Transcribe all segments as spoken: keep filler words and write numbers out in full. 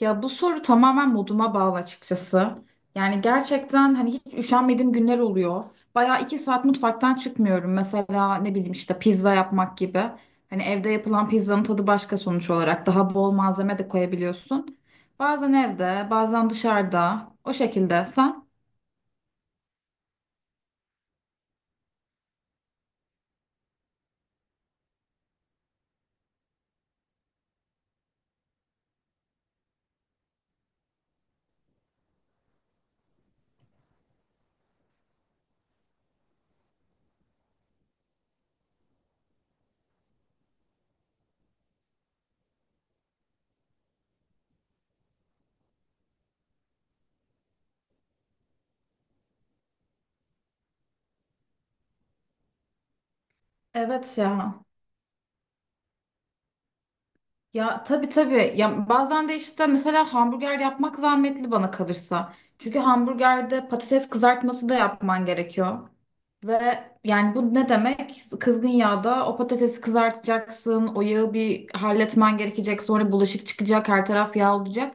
Ya bu soru tamamen moduma bağlı açıkçası. Yani gerçekten hani hiç üşenmediğim günler oluyor. Bayağı iki saat mutfaktan çıkmıyorum. Mesela ne bileyim işte pizza yapmak gibi. Hani evde yapılan pizzanın tadı başka sonuç olarak. Daha bol malzeme de koyabiliyorsun. Bazen evde, bazen dışarıda. O şekilde sen? Evet ya. Ya tabii tabii. Ya bazen de işte mesela hamburger yapmak zahmetli bana kalırsa. Çünkü hamburgerde patates kızartması da yapman gerekiyor. Ve yani bu ne demek? Kızgın yağda o patatesi kızartacaksın, o yağı bir halletmen gerekecek, sonra bulaşık çıkacak, her taraf yağ olacak.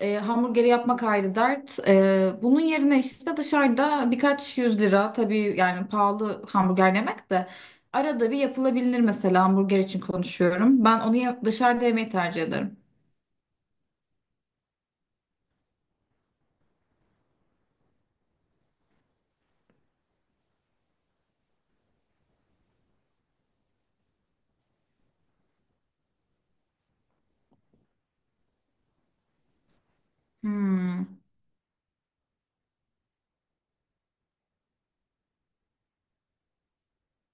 Ee, hamburgeri yapmak ayrı dert. Ee, bunun yerine işte dışarıda birkaç yüz lira tabii yani pahalı hamburger yemek de. Arada bir yapılabilir mesela hamburger için konuşuyorum. Ben onu ya- dışarıda yemeyi tercih ederim. Hmm.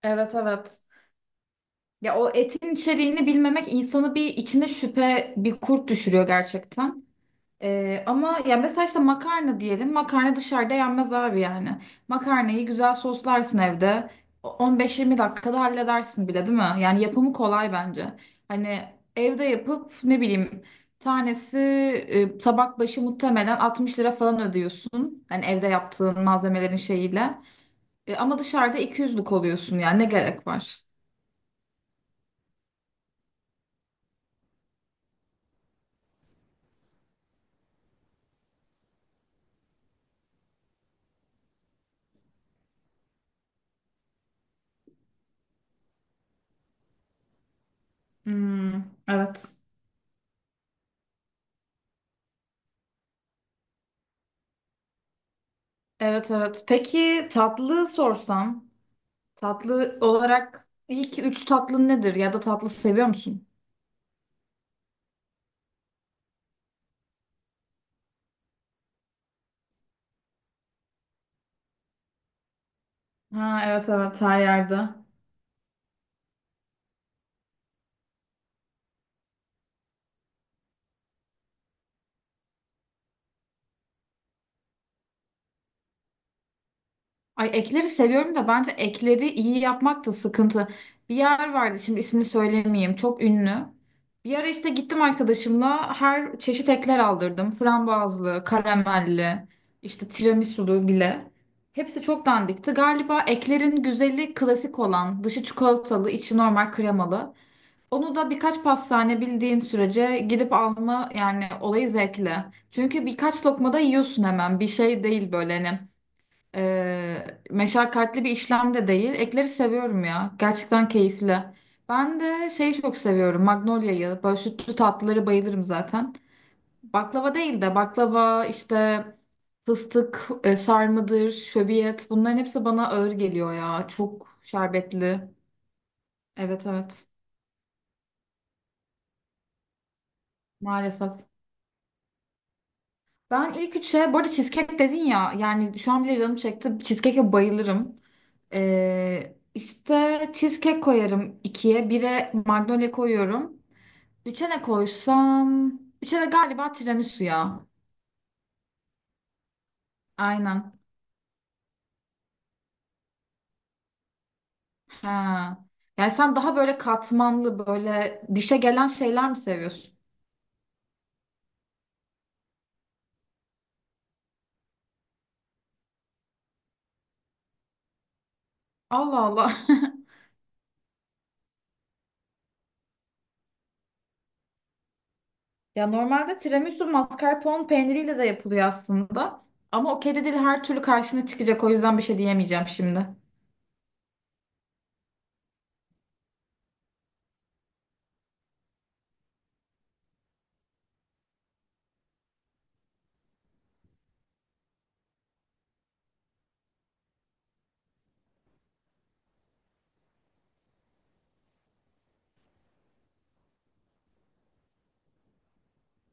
Evet evet. Ya o etin içeriğini bilmemek insanı bir içine şüphe, bir kurt düşürüyor gerçekten. Ee, ama ya mesela işte makarna diyelim. Makarna dışarıda yenmez abi yani. Makarnayı güzel soslarsın evde. O- on beş yirmi dakikada halledersin bile değil mi? Yani yapımı kolay bence. Hani evde yapıp ne bileyim tanesi e, tabak başı muhtemelen altmış lira falan ödüyorsun. Hani evde yaptığın malzemelerin şeyiyle. E, ama dışarıda iki yüzlük oluyorsun yani ne gerek var? Hmm, evet. Evet evet. Peki tatlı sorsam? Tatlı olarak ilk üç tatlın nedir? Ya da tatlı seviyor musun? Ha, evet evet, her yerde. Ay, ekleri seviyorum da bence ekleri iyi yapmak da sıkıntı. Bir yer vardı, şimdi ismini söylemeyeyim, çok ünlü. Bir ara işte gittim arkadaşımla her çeşit ekler aldırdım. Frambuazlı, karamelli, işte tiramisulu bile. Hepsi çok dandikti. Galiba eklerin güzeli klasik olan, dışı çikolatalı içi normal kremalı. Onu da birkaç pastane bildiğin sürece gidip alma yani, olayı zevkli. Çünkü birkaç lokma yiyorsun hemen. Bir şey değil, böyle hani e, meşakkatli bir işlem de değil. Ekleri seviyorum ya. Gerçekten keyifli. Ben de şeyi çok seviyorum, Magnolia'yı. Böyle sütlü tatlıları bayılırım zaten. Baklava değil de baklava işte, fıstık e, sarmadır, şöbiyet, bunların hepsi bana ağır geliyor ya. Çok şerbetli. Evet evet, maalesef. Ben ilk üçe, bu arada cheesecake dedin ya, yani şu an bile canım çekti. Cheesecake'e bayılırım. Ee, işte cheesecake koyarım ikiye. Bire Magnolia koyuyorum. Üçe ne koysam? Üçe de galiba tiramisu ya. Aynen. Ha. Yani sen daha böyle katmanlı, böyle dişe gelen şeyler mi seviyorsun? Allah Allah. Ya normalde tiramisu mascarpone peyniriyle de yapılıyor aslında. Ama o kedi dili her türlü karşına çıkacak. O yüzden bir şey diyemeyeceğim şimdi.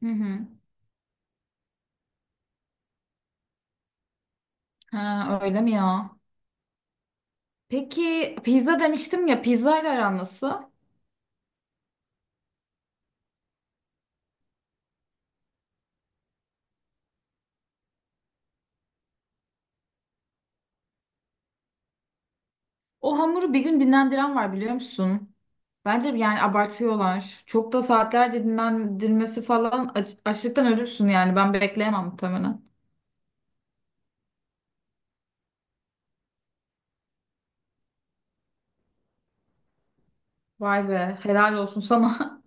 Hı hı. Ha, öyle mi ya? Peki pizza demiştim ya, pizza ile aran nasıl? O hamuru bir gün dinlendiren var biliyor musun? Bence yani abartıyorlar. Çok da saatlerce dinlendirmesi falan, aç- açlıktan ölürsün yani. Ben bekleyemem muhtemelen. Vay be, helal olsun sana.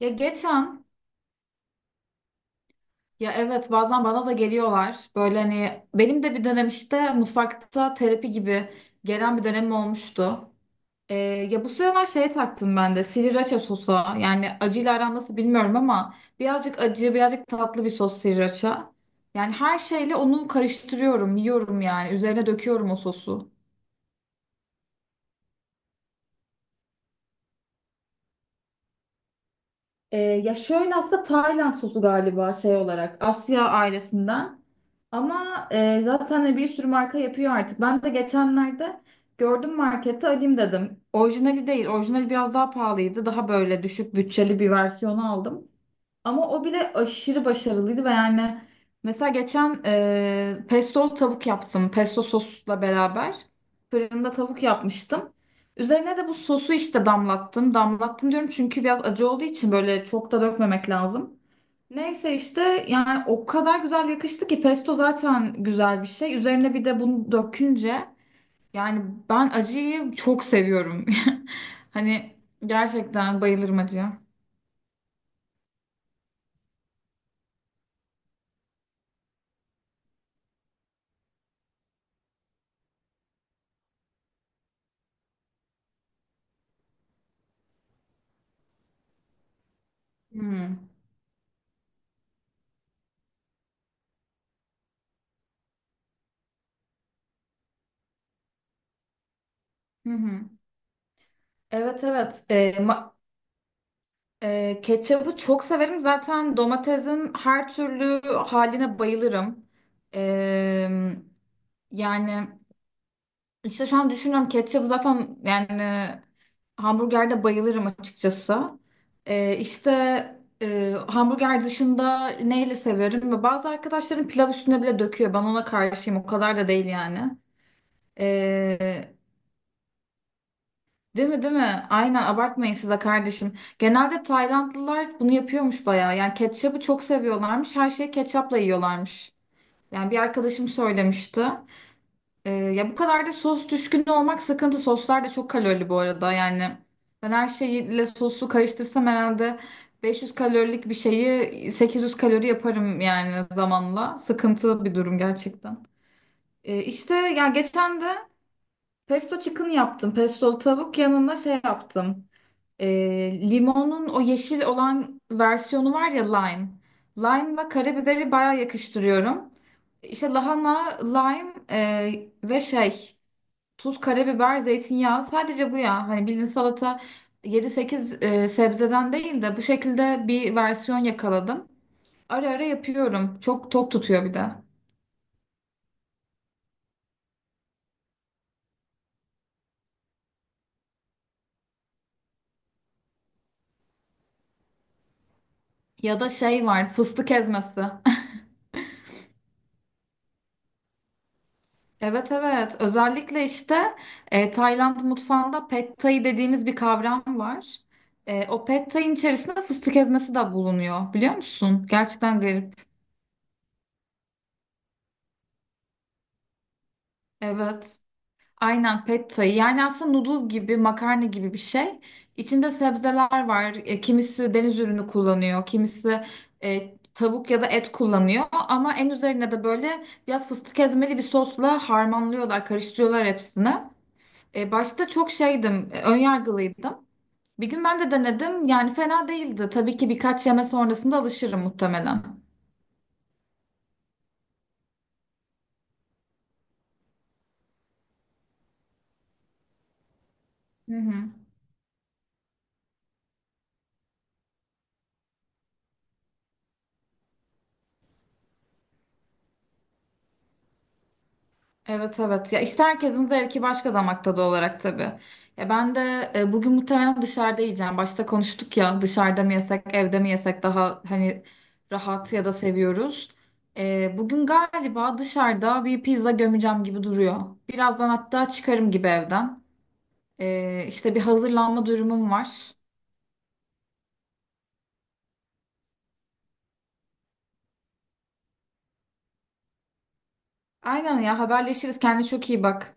Ya geçen, ya evet, bazen bana da geliyorlar. Böyle hani benim de bir dönem işte mutfakta terapi gibi gelen bir dönemim olmuştu. Ee, Ya bu sıralar şeye taktım ben de, sriracha sosa. Yani acıyla aran nasıl bilmiyorum ama birazcık acı birazcık tatlı bir sos sriracha. Yani her şeyle onu karıştırıyorum yiyorum, yani üzerine döküyorum o sosu. Ee, ya şöyle, aslında Tayland sosu galiba, şey olarak Asya ailesinden, ama e, zaten bir sürü marka yapıyor artık. Ben de geçenlerde gördüm markette, alayım dedim. Orijinali değil, orijinali biraz daha pahalıydı, daha böyle düşük bütçeli bir versiyonu aldım. Ama o bile aşırı başarılıydı ve yani mesela geçen e, pesto tavuk yaptım. Pesto sosla beraber fırında tavuk yapmıştım. Üzerine de bu sosu işte damlattım. Damlattım diyorum çünkü biraz acı olduğu için böyle çok da dökmemek lazım. Neyse işte, yani o kadar güzel yakıştı ki, pesto zaten güzel bir şey. Üzerine bir de bunu dökünce yani, ben acıyı çok seviyorum. Hani gerçekten bayılırım acıya. Hmm. Hı hı. Evet evet. Ee, ma- e, ketçabı çok severim. Zaten domatesin her türlü haline bayılırım. Ee, Yani işte şu an düşünüyorum, ketçabı zaten yani hamburgerde bayılırım açıkçası. Ee, işte e, hamburger dışında neyle severim? Ve bazı arkadaşlarım pilav üstüne bile döküyor. Ben ona karşıyım. O kadar da değil yani. Değil mi, değil mi? Aynen, abartmayın size kardeşim. Genelde Taylandlılar bunu yapıyormuş bayağı. Yani ketçabı çok seviyorlarmış. Her şeyi ketçapla yiyorlarmış. Yani bir arkadaşım söylemişti. Ee, ya bu kadar da sos düşkünü olmak sıkıntı. Soslar da çok kalorili bu arada. Yani ben her şeyle sosu karıştırsam herhalde beş yüz kalorilik bir şeyi sekiz yüz kalori yaparım yani, zamanla. Sıkıntı bir durum gerçekten. Ee, işte ya geçen de pesto chicken yaptım. Pestolu tavuk, yanına şey yaptım. Ee, limonun o yeşil olan versiyonu var ya, lime. Lime'la karabiberi baya yakıştırıyorum. İşte lahana, lime e, ve şey, tuz, karabiber, zeytinyağı, sadece bu ya. Hani bildiğin salata, yedi sekiz e, sebzeden değil de bu şekilde bir versiyon yakaladım. Ara ara yapıyorum. Çok tok tutuyor bir de. Ya da şey var, fıstık ezmesi. Evet evet, özellikle işte e, Tayland mutfağında pad thai dediğimiz bir kavram var. E, o pad thai'nin içerisinde fıstık ezmesi de bulunuyor biliyor musun? Gerçekten garip. Evet aynen, pad thai yani aslında noodle gibi, makarna gibi bir şey. İçinde sebzeler var. E, kimisi deniz ürünü kullanıyor, kimisi e, tavuk ya da et kullanıyor. Ama en üzerine de böyle biraz fıstık ezmeli bir sosla harmanlıyorlar, karıştırıyorlar hepsini. E, başta çok şeydim, e, önyargılıydım. Bir gün ben de denedim. Yani fena değildi. Tabii ki birkaç yeme sonrasında alışırım muhtemelen. Hı hı. Evet evet. Ya işte herkesin zevki başka, damak tadı olarak tabii. Ya ben de e, bugün muhtemelen dışarıda yiyeceğim. Başta konuştuk ya, dışarıda mı yesek, evde mi yesek, daha hani rahat ya da seviyoruz. E, bugün galiba dışarıda bir pizza gömeceğim gibi duruyor. Birazdan hatta çıkarım gibi evden. E, işte bir hazırlanma durumum var. Aynen ya, haberleşiriz. Kendine çok iyi bak.